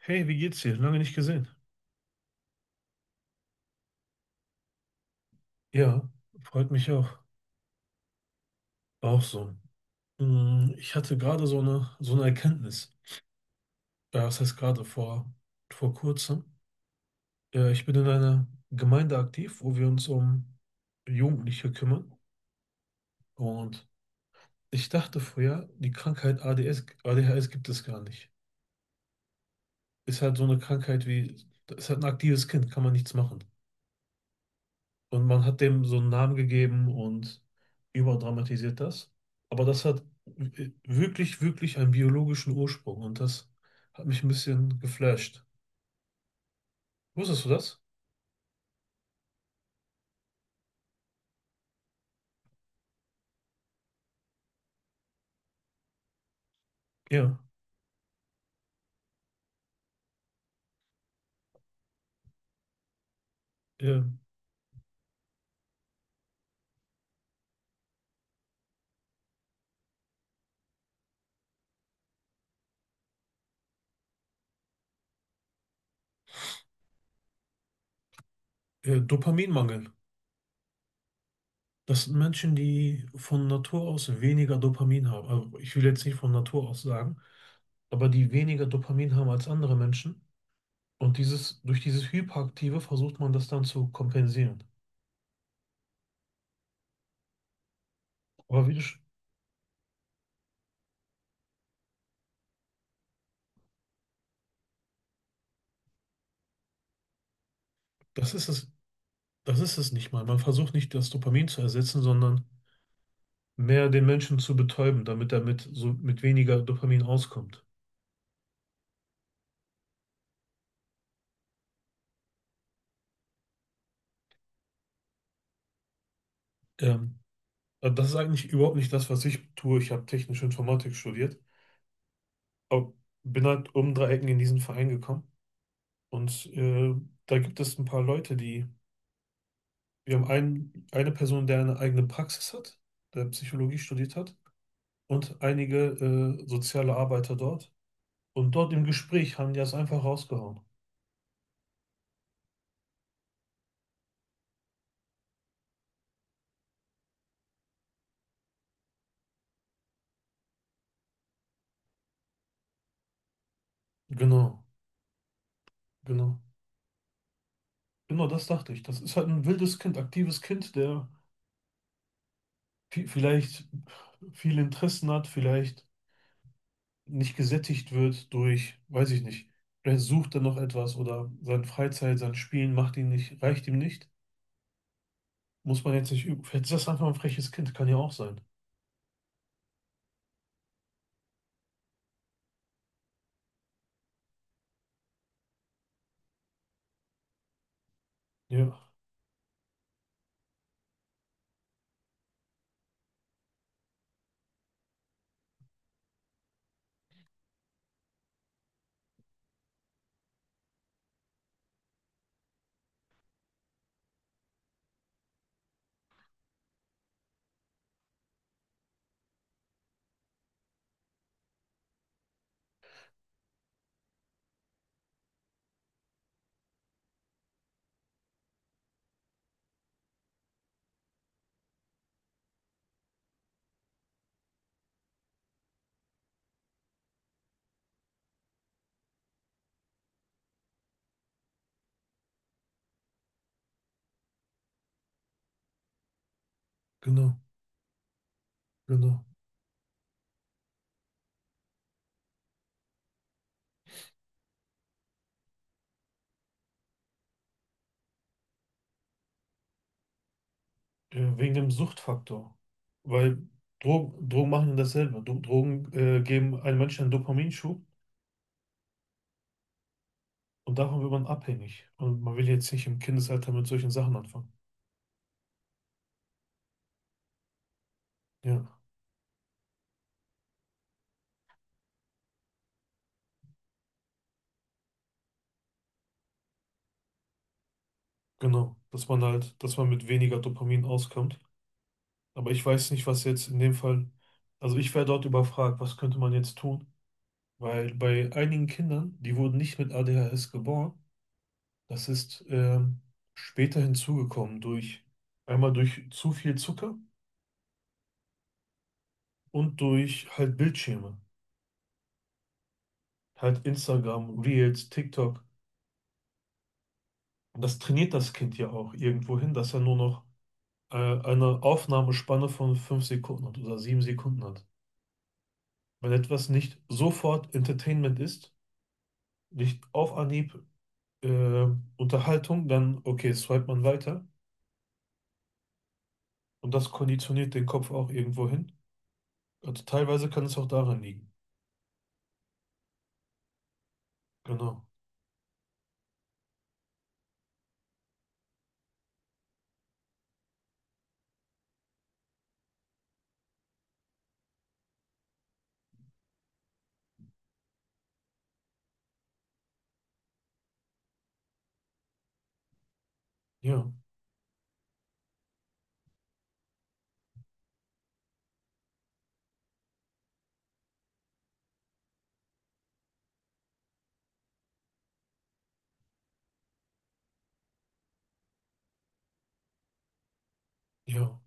Hey, wie geht's dir? Lange nicht gesehen. Ja, freut mich auch. Auch so. Mm, ich hatte gerade so eine Erkenntnis. Ja, das heißt vor kurzem. Ja, ich bin in einer Gemeinde aktiv, wo wir uns um Jugendliche kümmern. Und ich dachte früher, die Krankheit ADS, ADHS gibt es gar nicht. Ist halt so eine Krankheit wie, ist halt ein aktives Kind, kann man nichts machen. Und man hat dem so einen Namen gegeben und überdramatisiert das. Aber das hat wirklich, wirklich einen biologischen Ursprung, und das hat mich ein bisschen geflasht. Wusstest du das? Ja. Äh, Dopaminmangel. Das sind Menschen, die von Natur aus weniger Dopamin haben. Also ich will jetzt nicht von Natur aus sagen, aber die weniger Dopamin haben als andere Menschen. Und dieses, durch dieses Hyperaktive versucht man das dann zu kompensieren. Aber wie du, das ist es, das ist es nicht mal. Man versucht nicht, das Dopamin zu ersetzen, sondern mehr den Menschen zu betäuben, damit er mit, so, mit weniger Dopamin auskommt. Ähm, also das ist eigentlich überhaupt nicht das, was ich tue. Ich habe technische Informatik studiert, aber bin halt um drei Ecken in diesen Verein gekommen. Und da gibt es ein paar Leute, die, wir haben einen, eine Person, der eine eigene Praxis hat, der Psychologie studiert hat, und einige soziale Arbeiter dort. Und dort im Gespräch haben die das einfach rausgehauen. Genau, genau. Genau, das dachte ich. Das ist halt ein wildes Kind, aktives Kind, der vielleicht viele Interessen hat, vielleicht nicht gesättigt wird durch, weiß ich nicht, vielleicht sucht er noch etwas oder seine Freizeit, sein Spielen macht ihn nicht, reicht ihm nicht. Muss man jetzt nicht üben. Vielleicht ist das einfach ein freches Kind, kann ja auch sein. Ja, genau, genau. Ja, wegen dem Suchtfaktor. Weil Drogen, Drogen machen ja dasselbe. Drogen geben einem Menschen einen Dopaminschub, und davon wird man abhängig. Und man will jetzt nicht im Kindesalter mit solchen Sachen anfangen. Ja, genau. Dass man halt, dass man mit weniger Dopamin auskommt. Aber ich weiß nicht, was jetzt in dem Fall, also ich wäre dort überfragt, was könnte man jetzt tun? Weil bei einigen Kindern, die wurden nicht mit ADHS geboren, das ist später hinzugekommen durch, einmal durch zu viel Zucker und durch halt Bildschirme. Halt Instagram, Reels, TikTok. Und das trainiert das Kind ja auch irgendwo hin, dass er nur noch eine Aufnahmespanne von 5 Sekunden hat oder 7 Sekunden hat. Wenn etwas nicht sofort Entertainment ist, nicht auf Anhieb äh, Unterhaltung, dann okay, swipe man weiter. Und das konditioniert den Kopf auch irgendwo hin. Also teilweise kann es auch daran liegen. Genau. Ja, ja,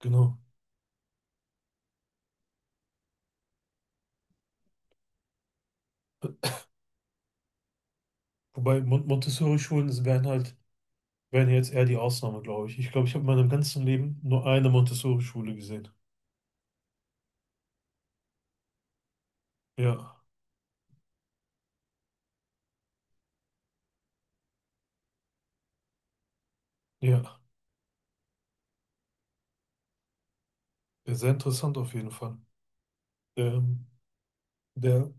genau. Wobei Montessori-Schulen das wären halt, wären jetzt eher die Ausnahme, glaube ich. Ich glaube, ich habe in meinem ganzen Leben nur eine Montessori-Schule gesehen. Ja, ja. Ja, sehr interessant auf jeden Fall. Ähm, der,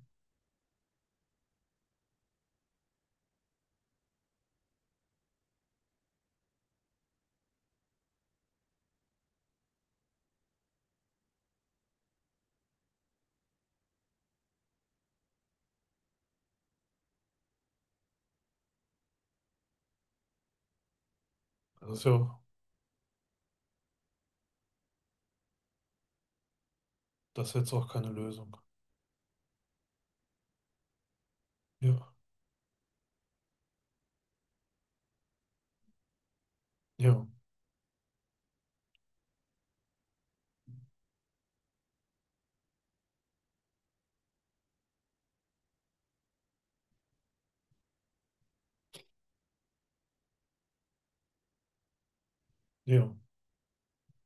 das ist ja, das ist jetzt auch keine Lösung. Ja, ja, ja.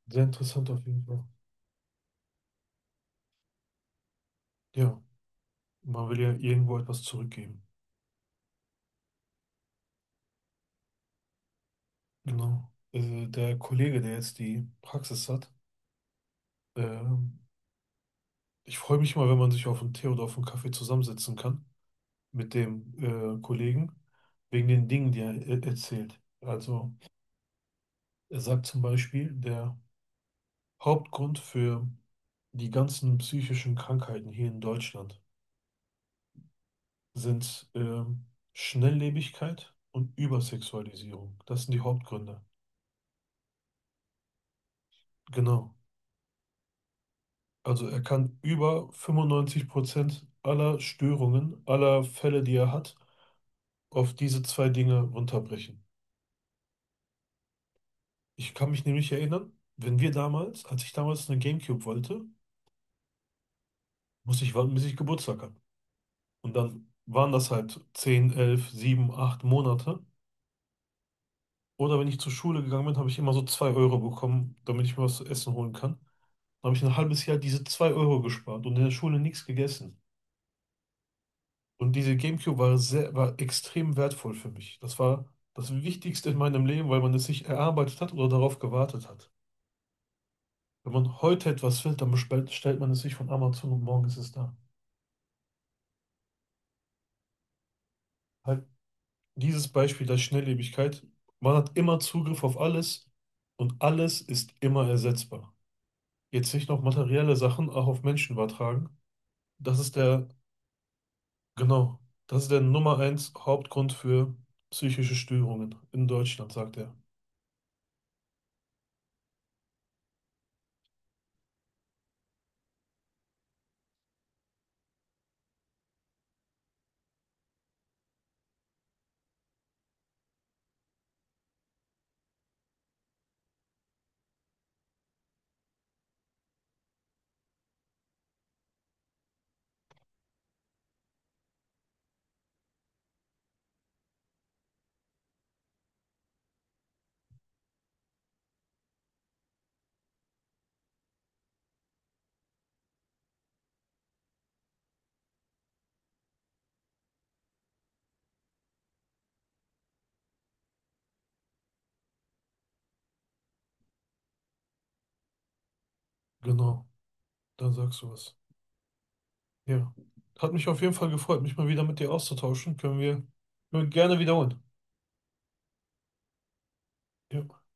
Sehr interessant auf jeden Fall. Ja, man will ja irgendwo etwas zurückgeben. Genau. Der Kollege, der jetzt die Praxis hat, ähm, ich freue mich mal, wenn man sich auf einen Tee oder auf einen Kaffee zusammensetzen kann mit dem Kollegen, wegen den Dingen, die er erzählt. Also er sagt zum Beispiel, der Hauptgrund für die ganzen psychischen Krankheiten hier in Deutschland sind Schnelllebigkeit und Übersexualisierung. Das sind die Hauptgründe. Genau. Also er kann über 95% aller Störungen, aller Fälle, die er hat, auf diese zwei Dinge runterbrechen. Ich kann mich nämlich erinnern, wenn wir damals, als ich damals eine GameCube wollte, musste ich warten, bis ich Geburtstag habe. Und dann waren das halt 10, 11, 7, 8 Monate. Oder wenn ich zur Schule gegangen bin, habe ich immer so 2 Euro bekommen, damit ich mir was zu essen holen kann. Dann habe ich ein halbes Jahr diese 2 Euro gespart und in der Schule nichts gegessen. Und diese GameCube war sehr, war extrem wertvoll für mich. Das war das Wichtigste in meinem Leben, weil man es sich erarbeitet hat oder darauf gewartet hat. Wenn man heute etwas will, dann bestellt, stellt man es sich von Amazon, und morgen ist es da. Halt dieses Beispiel der Schnelllebigkeit. Man hat immer Zugriff auf alles und alles ist immer ersetzbar. Jetzt nicht noch materielle Sachen auch auf Menschen übertragen. Das ist der, genau, das ist der Nummer eins Hauptgrund für psychische Störungen in Deutschland, sagt er. Genau, dann sagst du was. Ja. Hat mich auf jeden Fall gefreut, mich mal wieder mit dir auszutauschen. Können wir gerne wiederholen. Ja.